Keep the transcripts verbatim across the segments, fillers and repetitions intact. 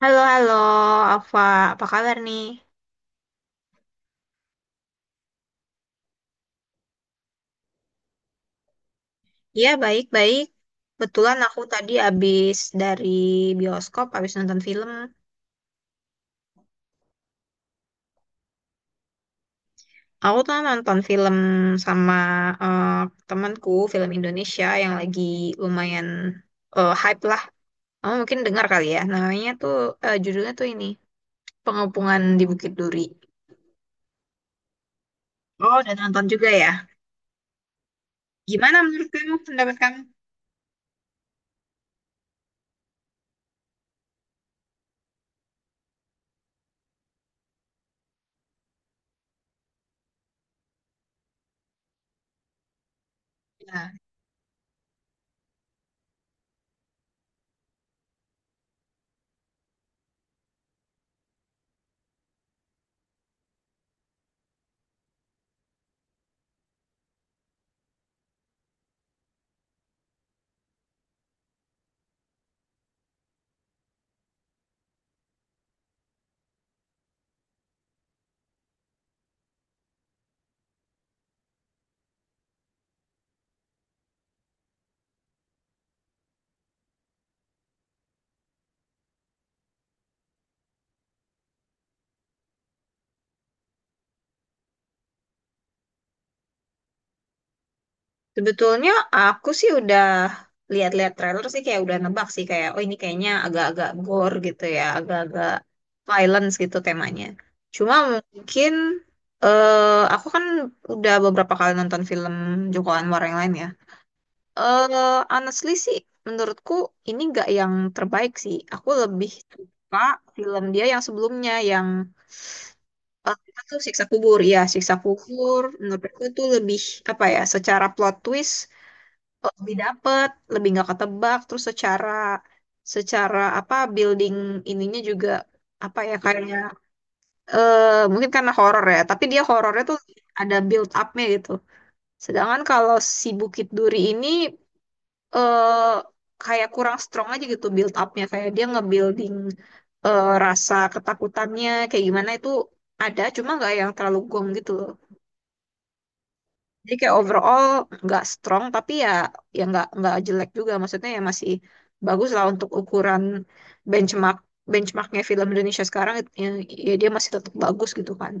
Halo, halo, Alfa. Apa kabar nih? Iya, baik-baik. Kebetulan aku tadi habis dari bioskop, habis nonton film. Aku tuh nonton film sama eh, temanku, film Indonesia yang lagi lumayan eh, hype lah. Kamu mungkin dengar kali ya. Namanya tuh, eh, judulnya tuh ini, Pengepungan di Bukit Duri. Oh, udah nonton juga ya? Gimana menurut kamu, pendapat kamu? Ya. Sebetulnya aku sih udah lihat-lihat trailer sih kayak udah nebak sih kayak oh ini kayaknya agak-agak gore gitu ya, agak-agak violence gitu temanya. Cuma mungkin eh aku kan udah beberapa kali nonton film Joko Anwar yang lain ya. Eh honestly sih menurutku ini nggak yang terbaik sih. Aku lebih suka film dia yang sebelumnya yang eh, apa tuh siksa kubur ya siksa kubur menurut aku tuh lebih apa ya secara plot twist lebih dapet, lebih nggak ketebak, terus secara secara apa building ininya juga apa ya kayaknya eh mungkin karena horor ya, tapi dia horornya tuh ada build upnya gitu. Sedangkan kalau si Bukit Duri ini eh kayak kurang strong aja gitu build upnya, kayak dia ngebuilding eh, rasa ketakutannya kayak gimana itu ada, cuma nggak yang terlalu gong gitu. Jadi kayak overall nggak strong tapi ya ya nggak nggak jelek juga maksudnya ya masih bagus lah untuk ukuran benchmark benchmarknya film Indonesia sekarang it- ya, ya dia masih tetap bagus gitu kan.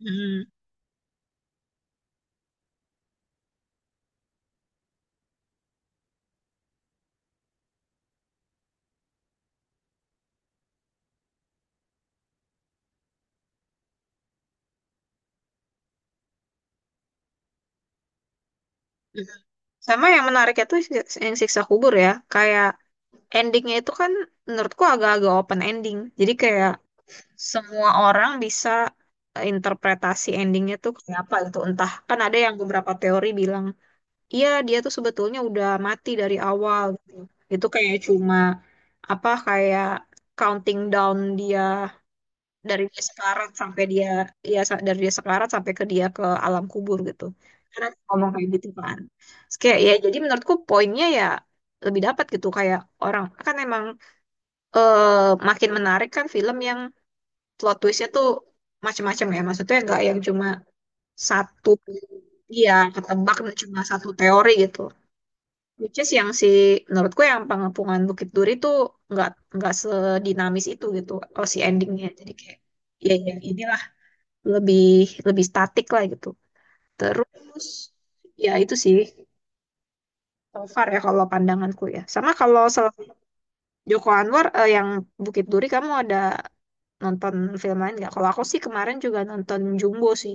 Hmm. Sama yang menariknya tuh si- yang siksa kubur ya kayak endingnya itu kan menurutku agak-agak open ending. Jadi kayak semua orang bisa eh, interpretasi endingnya tuh kayak apa gitu entah kan ada yang beberapa teori bilang iya, dia tuh sebetulnya udah mati dari awal gitu. Itu kayak cuma apa kayak counting down dia dari dia sekarat sampai dia ya sa- dari dia sekarat sampai ke dia ke alam kubur gitu. Karena ngomong kayak gitu kan. Terus kayak ya jadi menurutku poinnya ya lebih dapat gitu kayak orang kan emang eh, makin menarik kan film yang plot twistnya tuh macam-macam ya. Maksudnya nggak yang cuma satu iya, ketebak dan cuma satu teori gitu. Which is yang si menurutku yang pengepungan Bukit Duri tuh nggak nggak sedinamis itu gitu oh si endingnya jadi kayak ya yang inilah lebih lebih statik lah gitu terus ya itu sih so far ya kalau pandanganku ya sama kalau selain Joko Anwar eh, yang Bukit Duri kamu ada nonton film lain nggak kalau aku sih kemarin juga nonton Jumbo sih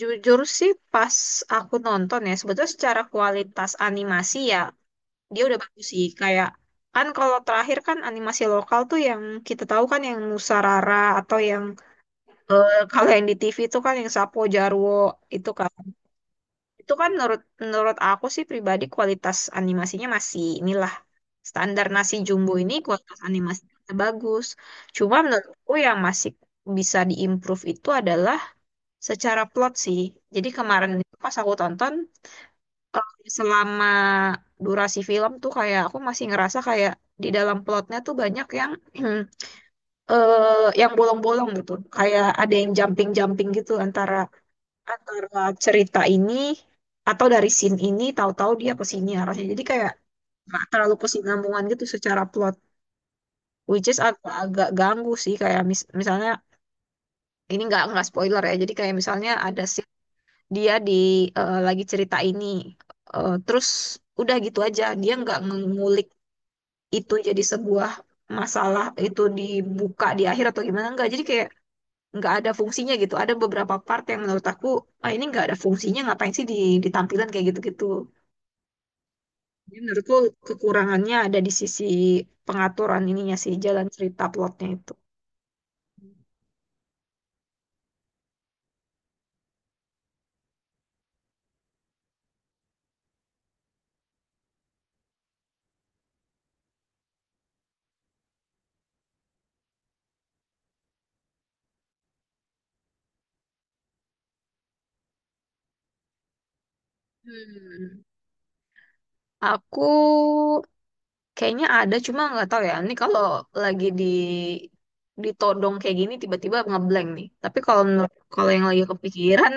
jujur sih pas aku nonton ya sebetulnya secara kualitas animasi ya dia udah bagus sih kayak kan kalau terakhir kan animasi lokal tuh yang kita tahu kan yang Nusarara atau yang eh, kalau yang di T V tuh kan yang Sapo Jarwo itu kan itu kan menurut menurut aku sih pribadi kualitas animasinya masih inilah standar nasi jumbo ini kualitas animasinya masih bagus cuma menurutku yang masih bisa diimprove itu adalah secara plot sih jadi kemarin itu pas aku tonton kalau selama durasi film tuh kayak aku masih ngerasa kayak di dalam plotnya tuh banyak yang eh yang bolong-bolong gitu. Kayak ada yang jumping-jumping gitu antara antara cerita ini atau dari scene ini tahu-tahu dia ke sini arahnya. Jadi kayak nggak terlalu kesinambungan gitu secara plot. Which is agak-agak ganggu sih kayak mis- misalnya ini nggak nggak spoiler ya. Jadi kayak misalnya ada scene dia di eh, lagi cerita ini eh, terus udah gitu aja dia nggak ngulik itu jadi sebuah masalah itu dibuka di akhir atau gimana enggak jadi kayak nggak ada fungsinya gitu ada beberapa part yang menurut aku ah ini nggak ada fungsinya ngapain sih di ditampilkan kayak gitu-gitu. Jadi menurutku kekurangannya ada di sisi pengaturan ininya sih jalan cerita plotnya itu. Hmm. Aku kayaknya ada cuma nggak tahu ya ini kalau lagi di ditodong kayak gini tiba-tiba ngeblank nih tapi kalau menurut- kalau yang lagi kepikiran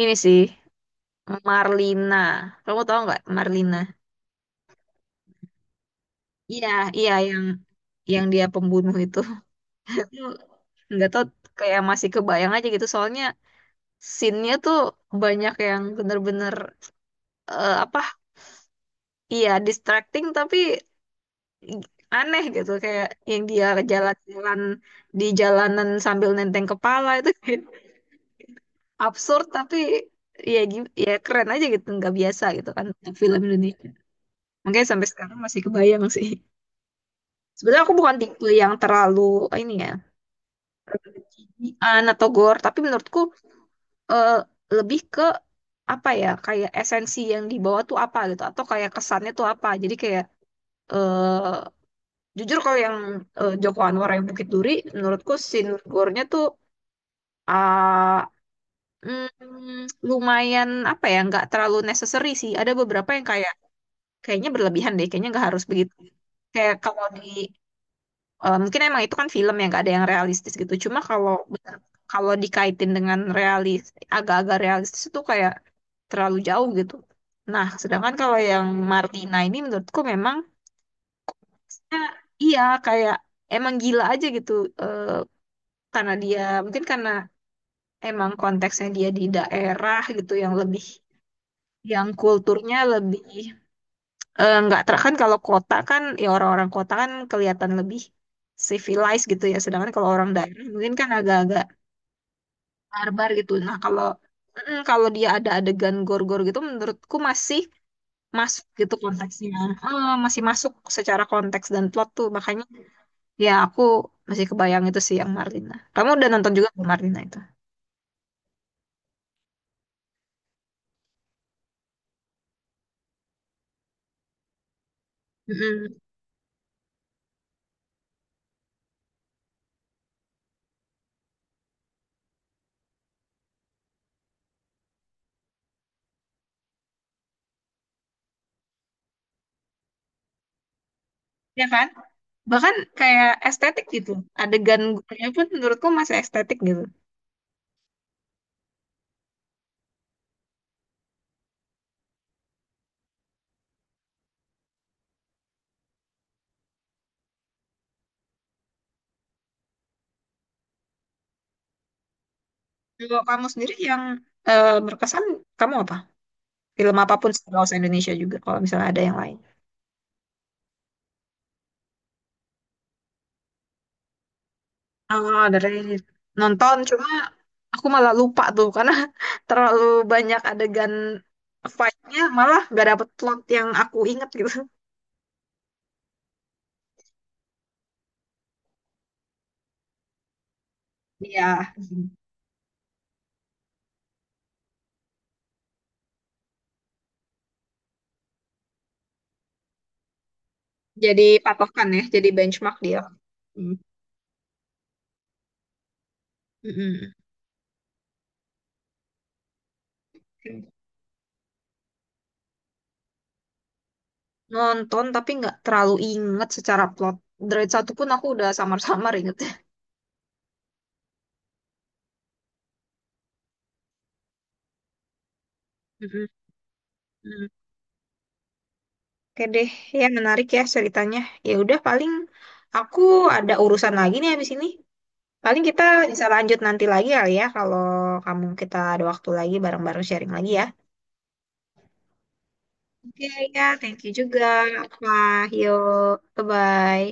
ini sih Marlina. Kamu tahu nggak Marlina? Iya, iya yang yang dia pembunuh itu. Itu nggak tahu kayak masih kebayang aja gitu soalnya scene-nya tuh banyak yang bener-bener eh, apa? Iya, distracting tapi aneh gitu kayak yang dia jalan-jalan di jalanan sambil nenteng kepala itu kayak absurd tapi ya gi- ya keren aja gitu nggak biasa gitu kan film Indonesia. Makanya sampai sekarang masih kebayang sih. Sebenarnya aku bukan tipe yang terlalu ini ya berlebihan atau gor, tapi menurutku eh, lebih ke apa ya kayak esensi yang dibawa tuh apa gitu atau kayak kesannya tuh apa. Jadi kayak eh jujur kalau yang eh, Joko Anwar yang Bukit Duri, menurutku scene gore-nya tuh ah, mm, lumayan apa ya nggak terlalu necessary sih. Ada beberapa yang kayak kayaknya berlebihan deh, kayaknya nggak harus begitu. Kayak kalau di eh, mungkin emang itu kan film yang gak ada yang realistis gitu. Cuma kalau bener- kalau dikaitin dengan realis, agak-agak realistis itu kayak terlalu jauh gitu. Nah, sedangkan kalau yang Martina ini menurutku memang ya, iya kayak emang gila aja gitu. Eh, karena dia mungkin karena emang konteksnya dia di daerah gitu yang lebih yang kulturnya lebih eh, nggak ter kan kalau kota kan ya orang-orang kota kan kelihatan lebih civilized gitu ya sedangkan kalau orang daerah mungkin kan agak-agak barbar gitu nah kalau mm, kalau dia ada adegan gor-gor gitu menurutku masih masuk gitu konteksnya. Eh, masih masuk secara konteks dan plot tuh makanya ya aku masih kebayang itu sih yang Marlina kamu udah nonton juga belum Marlina itu. Mm-mm. Ya kan bahkan kayak estetik gitu adegan gornya pun menurutku masih estetik gitu. Kalau kamu sendiri yang eh, berkesan, kamu apa? Film apapun, nggak usah Indonesia juga, kalau misalnya ada yang lain. Oh, dari nonton, cuma aku malah lupa tuh, karena terlalu banyak adegan fight-nya, malah gak dapet plot yang aku inget gitu. Iya, jadi patokan ya, jadi benchmark dia. Hmm. Mm-mm. Nonton tapi nggak terlalu inget secara plot. Dari satu pun aku udah samar-samar inget ya. Oke deh, ya menarik ya ceritanya. Ya udah paling aku ada urusan lagi nih habis ini. Paling kita bisa lanjut nanti lagi kali ya kalau kamu kita ada waktu lagi bareng-bareng sharing lagi ya. Oke ya, thank you juga. Apa, yuk, bye-bye.